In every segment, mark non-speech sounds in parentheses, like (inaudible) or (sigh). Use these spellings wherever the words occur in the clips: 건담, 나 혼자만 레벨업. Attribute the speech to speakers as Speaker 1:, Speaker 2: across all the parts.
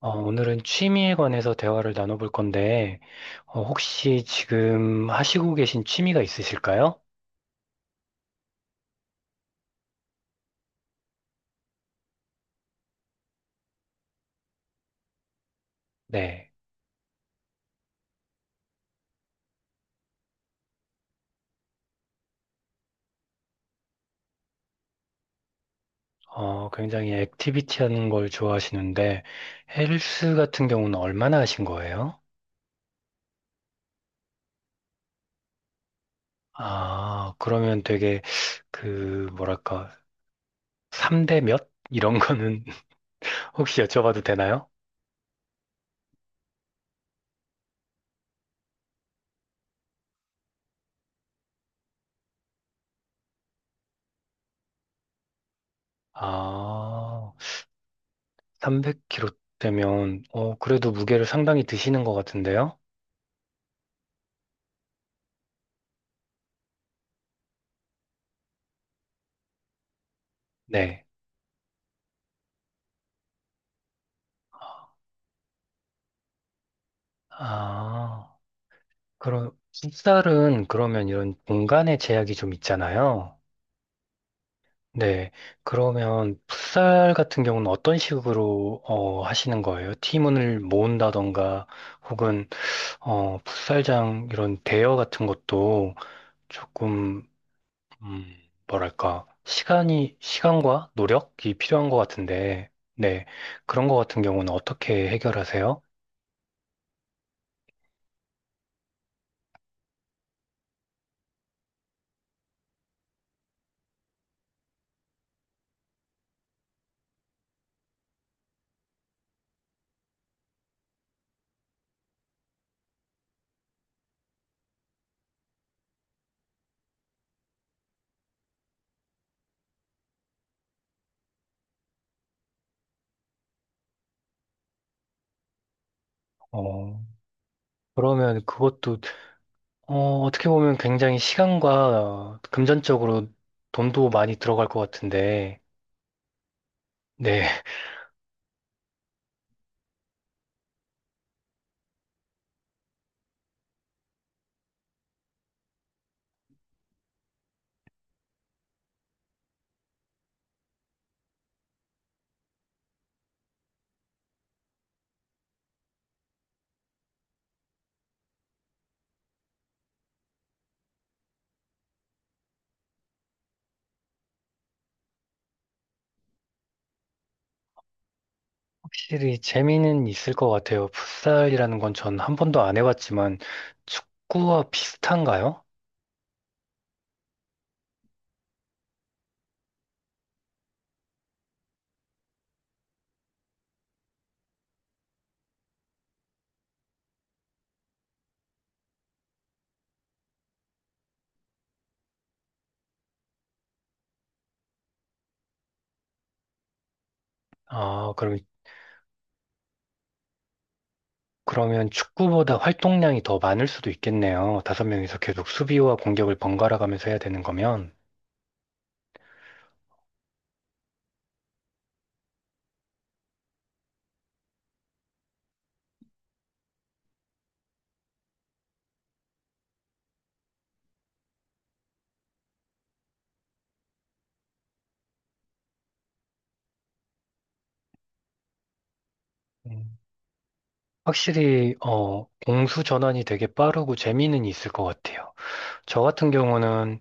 Speaker 1: 오늘은 취미에 관해서 대화를 나눠볼 건데, 혹시 지금 하시고 계신 취미가 있으실까요? 네. 굉장히 액티비티 하는 걸 좋아하시는데, 헬스 같은 경우는 얼마나 하신 거예요? 아, 그러면 되게, 그, 뭐랄까, 3대 몇? 이런 거는 (laughs) 혹시 여쭤봐도 되나요? 아, 300kg 되면, 그래도 무게를 상당히 드시는 것 같은데요? 네. 아. 그런 풋살은 그러면 이런 공간의 제약이 좀 있잖아요. 네. 그러면 풋살 같은 경우는 어떤 식으로 하시는 거예요? 팀원을 모은다던가 혹은 풋살장 이런 대여 같은 것도 조금 음, 뭐랄까 시간이 시간과 노력이 필요한 것 같은데 네. 그런 것 같은 경우는 어떻게 해결하세요? 어, 그러면 그것도 어떻게 보면 굉장히 시간과 금전적으로 돈도 많이 들어갈 것 같은데, 네, (laughs) 확실히 재미는 있을 것 같아요. 풋살이라는 건 전 한 번도 안 해봤지만, 축구와 비슷한가요? 아, 그럼, 그러면 축구보다 활동량이 더 많을 수도 있겠네요. 5명이서 계속 수비와 공격을 번갈아 가면서 해야 되는 거면. 음, 확실히 공수 전환이 되게 빠르고 재미는 있을 것 같아요. 저 같은 경우는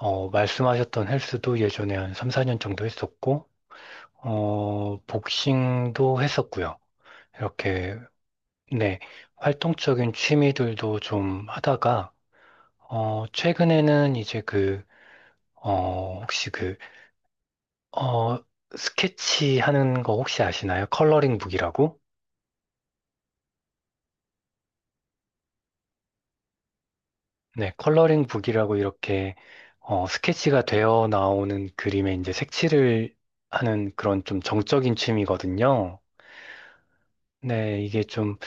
Speaker 1: 말씀하셨던 헬스도 예전에 한 3, 4년 정도 했었고 복싱도 했었고요. 이렇게 네, 활동적인 취미들도 좀 하다가 최근에는 이제 그, 혹시 그, 어, 스케치 하는 거 혹시 아시나요? 컬러링 북이라고? 네, 컬러링 북이라고 이렇게, 스케치가 되어 나오는 그림에 이제 색칠을 하는 그런 좀 정적인 취미거든요. 네, 이게 좀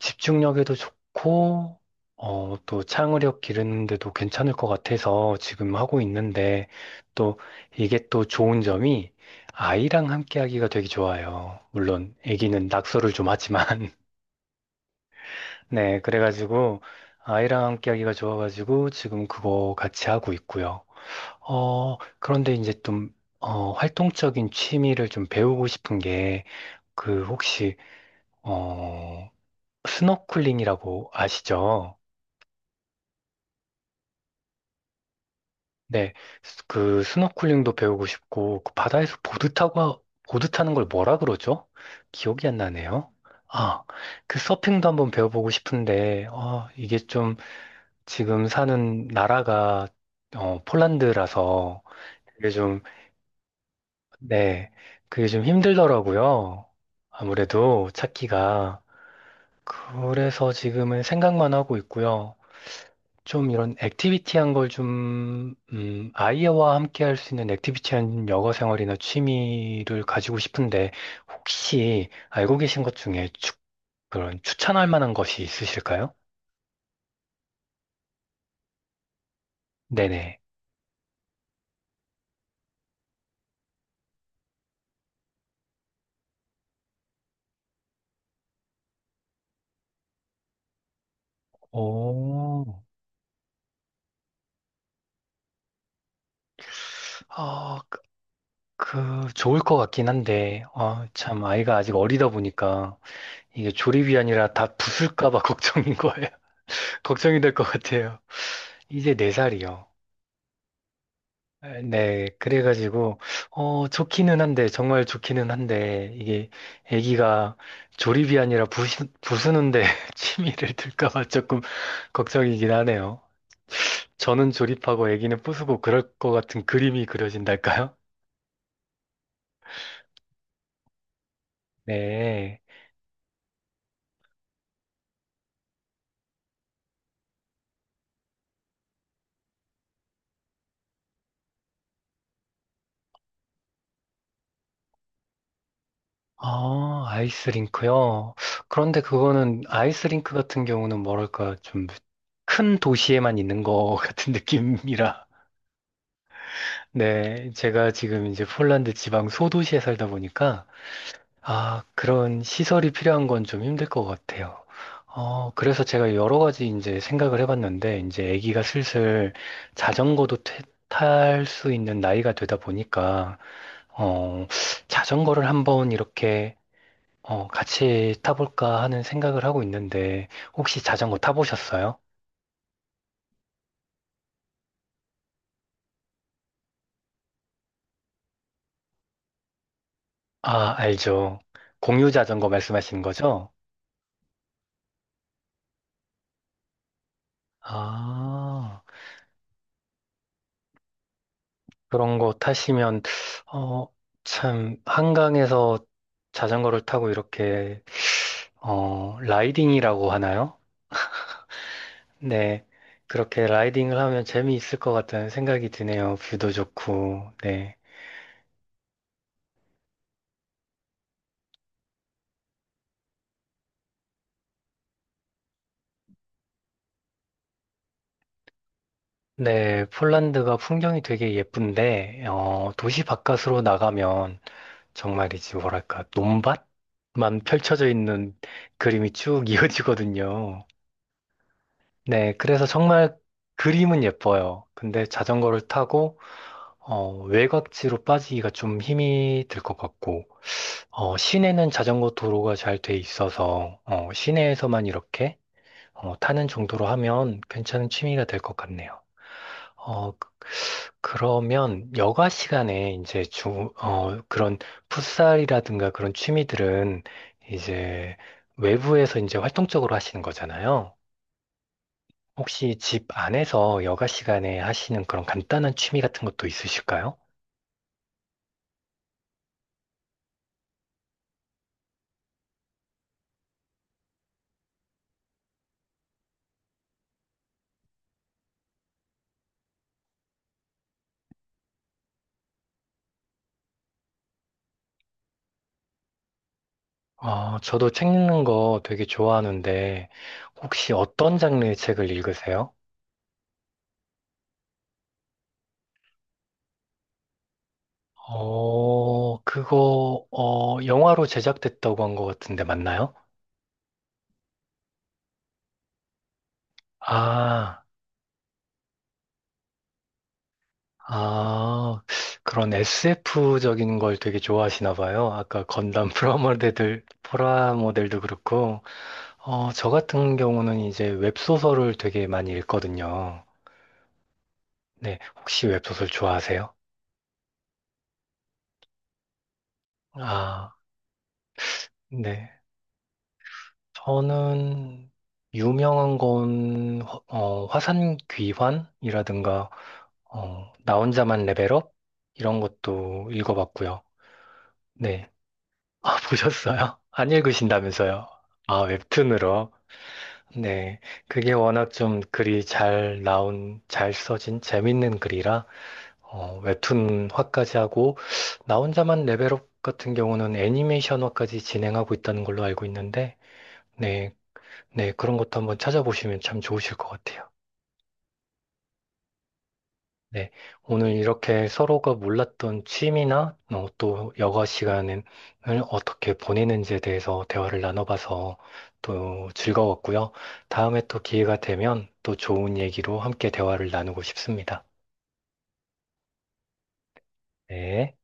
Speaker 1: 집중력에도 좋고, 또 창의력 기르는데도 괜찮을 것 같아서 지금 하고 있는데, 또 이게 또 좋은 점이 아이랑 함께 하기가 되게 좋아요. 물론 아기는 낙서를 좀 하지만, (laughs) 네, 그래가지고 아이랑 함께 하기가 좋아가지고 지금 그거 같이 하고 있고요. 그런데 이제 좀, 활동적인 취미를 좀 배우고 싶은 게, 그 혹시, 어, 스노클링이라고 아시죠? 네, 그 스노클링도 배우고 싶고 그 바다에서 보드 타고 보드 타는 걸 뭐라 그러죠? 기억이 안 나네요. 아, 그 서핑도 한번 배워보고 싶은데 이게 좀 지금 사는 나라가 폴란드라서 그게 좀, 네, 그게 좀 힘들더라고요. 아무래도 찾기가. 그래서 지금은 생각만 하고 있고요. 좀 이런 액티비티한 걸 좀, 아이와 함께 할 수 있는 액티비티한 여가 생활이나 취미를 가지고 싶은데, 혹시 알고 계신 것 중에 그런 추천할 만한 것이 있으실까요? 네네. 오, 아 그 좋을 것 같긴 한데, 아 참, 아이가 아직 어리다 보니까, 이게 조립이 아니라 다 부술까 봐 (laughs) 걱정인 거예요. (laughs) 걱정이 될 것 같아요. 이제 4살이요. 아, 네, 그래가지고, 좋기는 한데, 정말 좋기는 한데, 이게 애기가 조립이 아니라 부수는데 (laughs) 취미를 들까봐 조금 걱정이긴 하네요. 저는 조립하고 애기는 부수고 그럴 것 같은 그림이 그려진달까요? (laughs) 네. 아, 아이스링크요. 그런데 그거는 아이스링크 같은 경우는 뭐랄까, 좀 큰 도시에만 있는 것 같은 (laughs) 느낌이라. 네, 제가 지금 이제 폴란드 지방 소도시에 살다 보니까, 아, 그런 시설이 필요한 건 좀 힘들 것 같아요. 그래서 제가 여러 가지 이제 생각을 해봤는데, 이제 아기가 슬슬 자전거도 탈 수 있는 나이가 되다 보니까, 어, 자전거를 한번 이렇게, 같이 타볼까 하는 생각을 하고 있는데, 혹시 자전거 타보셨어요? 아, 알죠. 공유 자전거 말씀하시는 거죠? 아. 그런 거 타시면, 어, 참, 한강에서 자전거를 타고 이렇게, 라이딩이라고 하나요? 네. 그렇게 라이딩을 하면 재미있을 것 같다는 생각이 드네요. 뷰도 좋고, 네. 네, 폴란드가 풍경이 되게 예쁜데, 도시 바깥으로 나가면 정말이지, 뭐랄까, 논밭만 펼쳐져 있는 그림이 쭉 (laughs) 이어지거든요. 네, 그래서 정말 그림은 예뻐요. 근데 자전거를 타고 외곽지로 빠지기가 좀 힘이 들 것 같고, 시내는 자전거 도로가 잘 돼 있어서, 시내에서만 이렇게, 타는 정도로 하면 괜찮은 취미가 될 것 같네요. 어, 그- 그러면 여가 시간에 이제 그런 풋살이라든가 그런 취미들은 이제 외부에서 이제 활동적으로 하시는 거잖아요. 혹시 집 안에서 여가 시간에 하시는 그런 간단한 취미 같은 것도 있으실까요? 아, 저도 책 읽는 거 되게 좋아하는데, 혹시 어떤 장르의 책을 읽으세요? 그거, 영화로 제작됐다고 한 것 같은데 맞나요? 아, 아, 그런 SF적인 걸 되게 좋아하시나 봐요. 아까 건담 (laughs) 프라모델도 그렇고, 저 같은 경우는 이제 웹소설을 되게 많이 읽거든요. 네, 혹시 웹소설 좋아하세요? 아, 네. 저는 유명한 건 화산 귀환이라든가 나 혼자만 레벨업 이런 것도 읽어봤고요. 네. 아, (laughs) 보셨어요? 안 읽으신다면서요? 아, 웹툰으로. 네. 그게 워낙 좀 글이 잘 써진 재밌는 글이라 웹툰화까지 하고 나 혼자만 레벨업 같은 경우는 애니메이션화까지 진행하고 있다는 걸로 알고 있는데 네. 네, 그런 것도 한번 찾아보시면 참 좋으실 것 같아요. 네, 오늘 이렇게 서로가 몰랐던 취미나 또 여가 시간을 어떻게 보내는지에 대해서 대화를 나눠봐서 또 즐거웠고요. 다음에 또 기회가 되면 또 좋은 얘기로 함께 대화를 나누고 싶습니다. 네.